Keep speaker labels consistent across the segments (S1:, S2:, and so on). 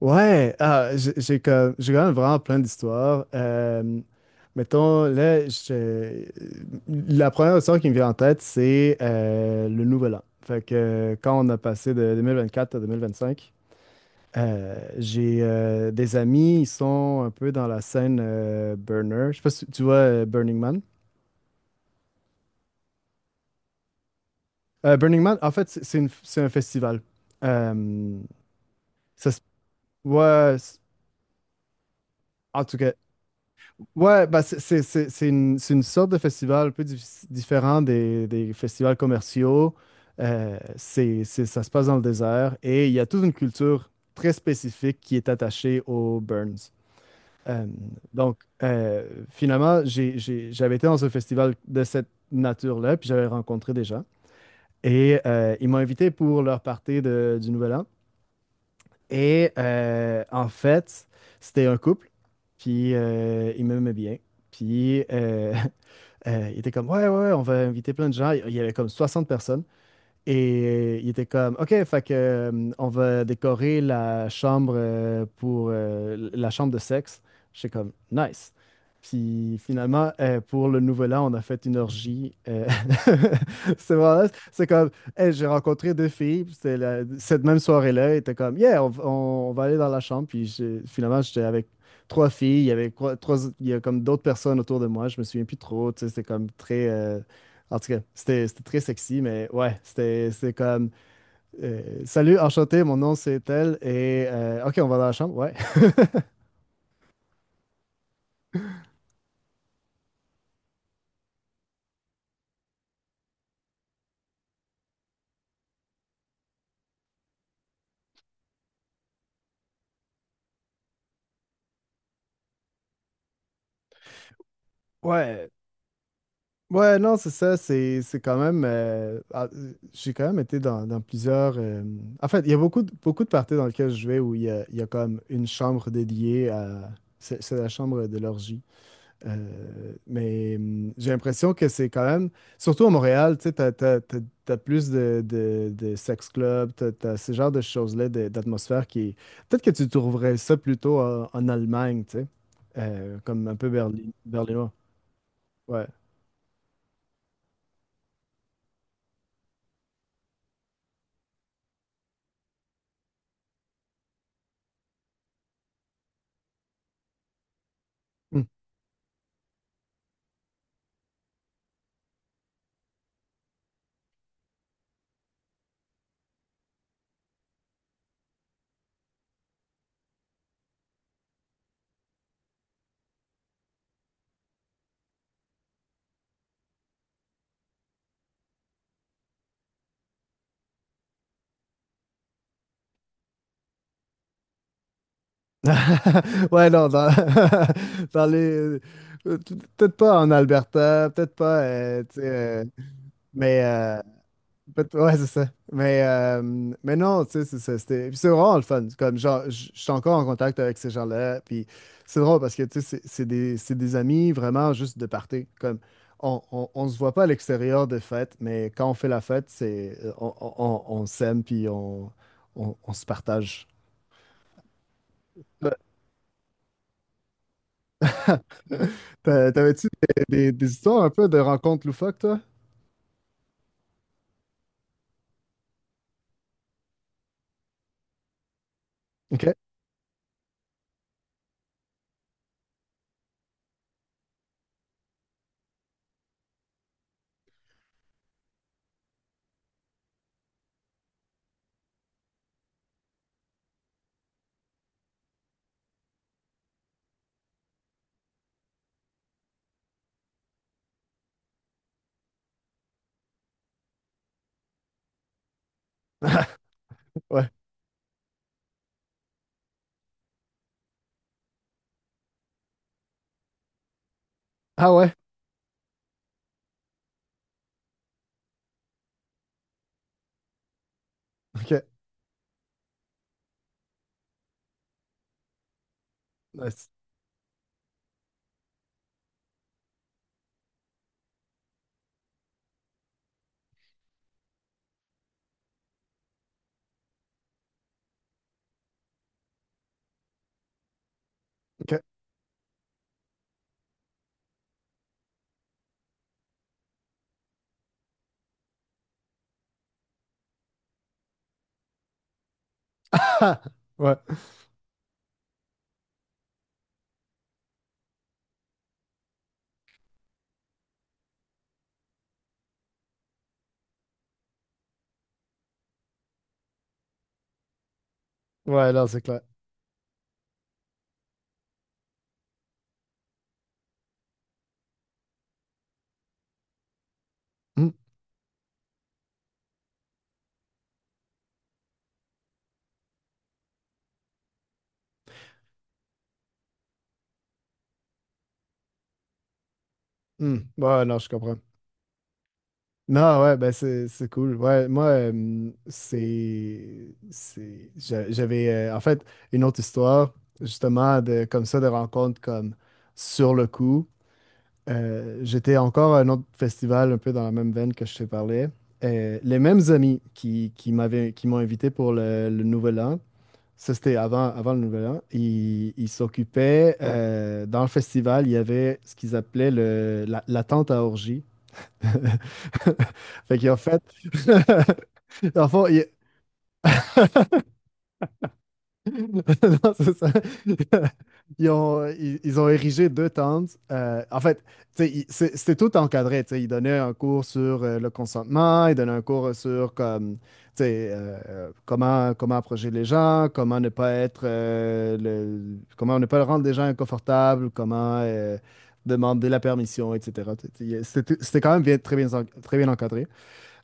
S1: Ouais, ah, j'ai quand même vraiment plein d'histoires. Mettons, là, la première histoire qui me vient en tête, c'est le Nouvel An. Fait que quand on a passé de 2024 à 2025, j'ai des amis, ils sont un peu dans la scène Burner. Je sais pas si tu vois Burning Man. Burning Man, en fait, c'est un festival. Euh, ça se- ouais, en tout cas. Ouais, bah c'est une sorte de festival un peu différent des festivals commerciaux. Ça se passe dans le désert et il y a toute une culture très spécifique qui est attachée aux burns. Euh, donc, finalement, j'avais été dans un festival de cette nature-là, puis j'avais rencontré des gens. Et ils m'ont invité pour leur party du Nouvel An. Et en fait, c'était un couple, puis ils m'aimaient bien. Puis, Il était comme, ouais, ouais, ouais, on va inviter plein de gens. Il y avait comme 60 personnes. Et il était comme, OK, fait que, on va décorer la chambre pour la chambre de sexe. J'étais comme, nice. Puis finalement, pour le nouvel an, on a fait une orgie. C'est vraiment nice. C'est comme, hey, j'ai rencontré deux filles. Puis c'est cette même soirée-là, il était comme, yeah, on va aller dans la chambre. Puis finalement, j'étais avec trois filles. Il y avait trois, il y a comme d'autres personnes autour de moi. Je me souviens plus trop. Tu sais, c'est comme très. Euh, en tout cas, c'était très sexy, mais ouais, c'était comme Salut, enchanté, mon nom c'est tel et OK, on va dans la chambre. Ouais. Ouais. Ouais, non, c'est ça, c'est quand même ah, j'ai quand même été dans plusieurs en fait, il y a beaucoup de parties dans lesquelles je vais où il y a comme une chambre dédiée à. C'est la chambre de l'orgie. Mais j'ai l'impression que c'est quand même, surtout à Montréal, tu sais, t'as plus de sex clubs, t'as ce genre de choses-là, d'atmosphère qui. Peut-être que tu trouverais ça plutôt en Allemagne, tu sais, comme un peu Berlin, berlinois. Ouais. Hmm. Ouais, non, dans les. Peut-être pas en Alberta, peut-être pas, tu sais, euh, mais. Ouais, c'est ça. Mais non, tu sais, c'est ça. C'était, puis c'est vraiment le fun. Comme, genre, je suis encore en contact avec ces gens-là. Puis c'est drôle parce que, tu sais, c'est des amis vraiment juste de party. Comme, on se voit pas à l'extérieur de fête, mais quand on fait la fête, c'est, on s'aime, puis on se partage. Ouais. T'avais-tu des histoires un peu de rencontres loufoques, toi? OK. Ouais. Ah ouais? OK. Nice. OK. Ouais. Ouais, non, c'est clair. Mmh, mmh. Ouais, non, je comprends. Non, ouais, ben c'est cool. Ouais, moi, J'avais en fait une autre histoire, justement, de, comme ça, de rencontres comme sur le coup. J'étais encore à un autre festival, un peu dans la même veine que je te parlais. Les mêmes amis qui m'ont invité pour le Nouvel An, ça c'était avant, avant le Nouvel An, ils s'occupaient, dans le festival, il y avait ce qu'ils appelaient la tente à orgie. Fait qu'ils fait. Dans le fond, ils. Non, c'est ça. Ils ont érigé deux tentes. En fait, tu sais, c'était tout encadré. Tu sais. Ils donnaient un cours sur le consentement, ils donnaient un cours sur comme, tu sais, comment approcher les gens, comment ne pas être, comment ne pas rendre les gens inconfortables, comment demander la permission, etc. Tu sais, c'était quand même très bien, très bien encadré.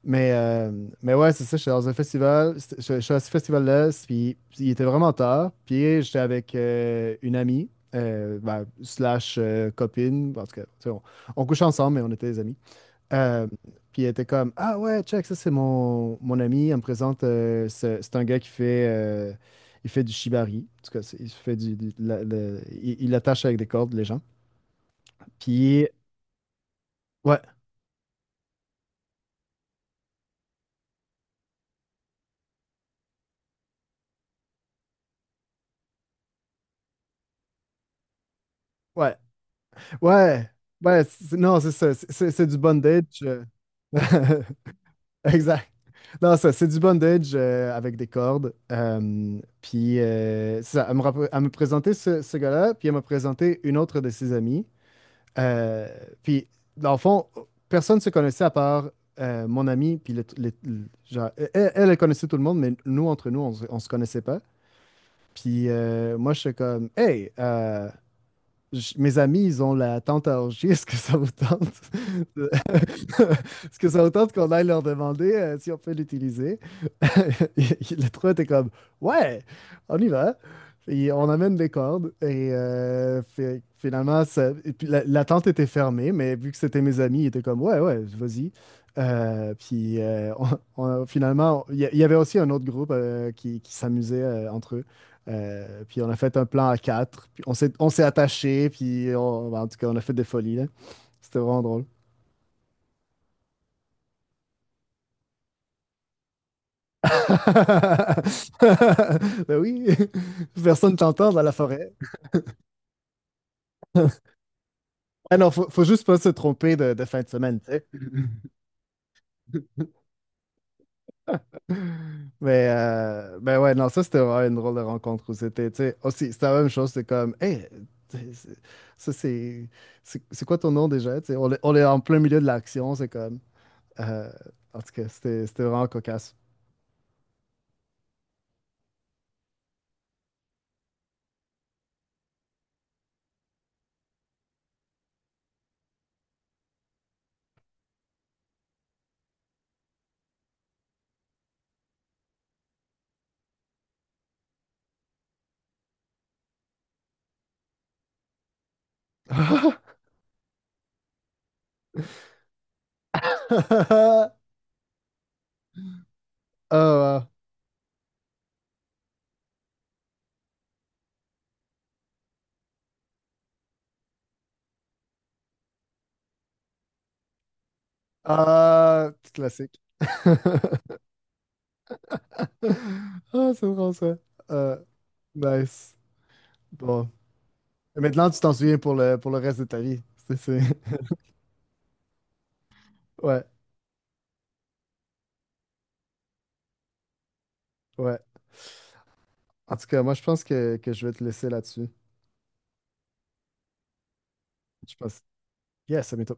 S1: Mais, euh, mais ouais, c'est ça, j'étais dans un festival, je suis à ce festival-là, puis il était vraiment tard, puis j'étais avec une amie, ben, slash copine, en tout cas, tu sais, on couchait ensemble, mais on était des amis. Euh, Puis elle était comme, ah ouais, check, ça c'est mon ami, elle me présente, c'est un gars qui fait, il fait du shibari, en tout cas, il fait il attache avec des cordes les gens. Puis, ouais, ouais, ouais, ouais, non, c'est ça. C'est du bondage. Exact. Non, ça, c'est du bondage avec des cordes. Puis, c'est ça, elle me présentait ce gars-là, puis elle m'a présenté une autre de ses amies. Euh, Puis, dans le fond, personne ne se connaissait à part mon ami. Puis, genre, elle connaissait tout le monde, mais nous, entre nous, on se connaissait pas. Puis, moi, je suis comme, hey, mes amis, ils ont la tente à orgie. Est-ce que ça vous tente? de- Est-ce que ça vous tente qu'on aille leur demander si on peut l'utiliser? Et- Les trois étaient comme, ouais, on y va. Et on amène des cordes. Et finalement, et puis la tente était fermée, mais vu que c'était mes amis, ils étaient comme, ouais, ouais, vas-y. Puis finalement, il y avait aussi un autre groupe qui s'amusait entre eux. Puis on a fait un plan à quatre. Puis on s'est attaché, puis ben, en tout cas, on a fait des folies, là. C'était vraiment drôle. Ben oui, personne t'entend dans la forêt. Ah non, faut juste pas se tromper de fin de semaine, tu sais. Mais ben ouais, non, ça c'était vraiment une drôle de rencontre où c'était, tu sais, aussi, c'était la même chose, c'est comme, hey, tu sais, ça c'est, c'est quoi ton nom déjà? Tu sais, on est en plein milieu de l'action, c'est comme, euh, en tout cas, c'était vraiment cocasse. Ah, ah, ah, classique. Ah, c'est drôle ça. Ah, nice. Bon. Et maintenant, tu t'en souviens pour le reste de ta vie. C'est, c'est- Ouais, ouais. En tout cas, moi, je pense que je vais te laisser là-dessus. Je pense. Yes, ça m'étonne.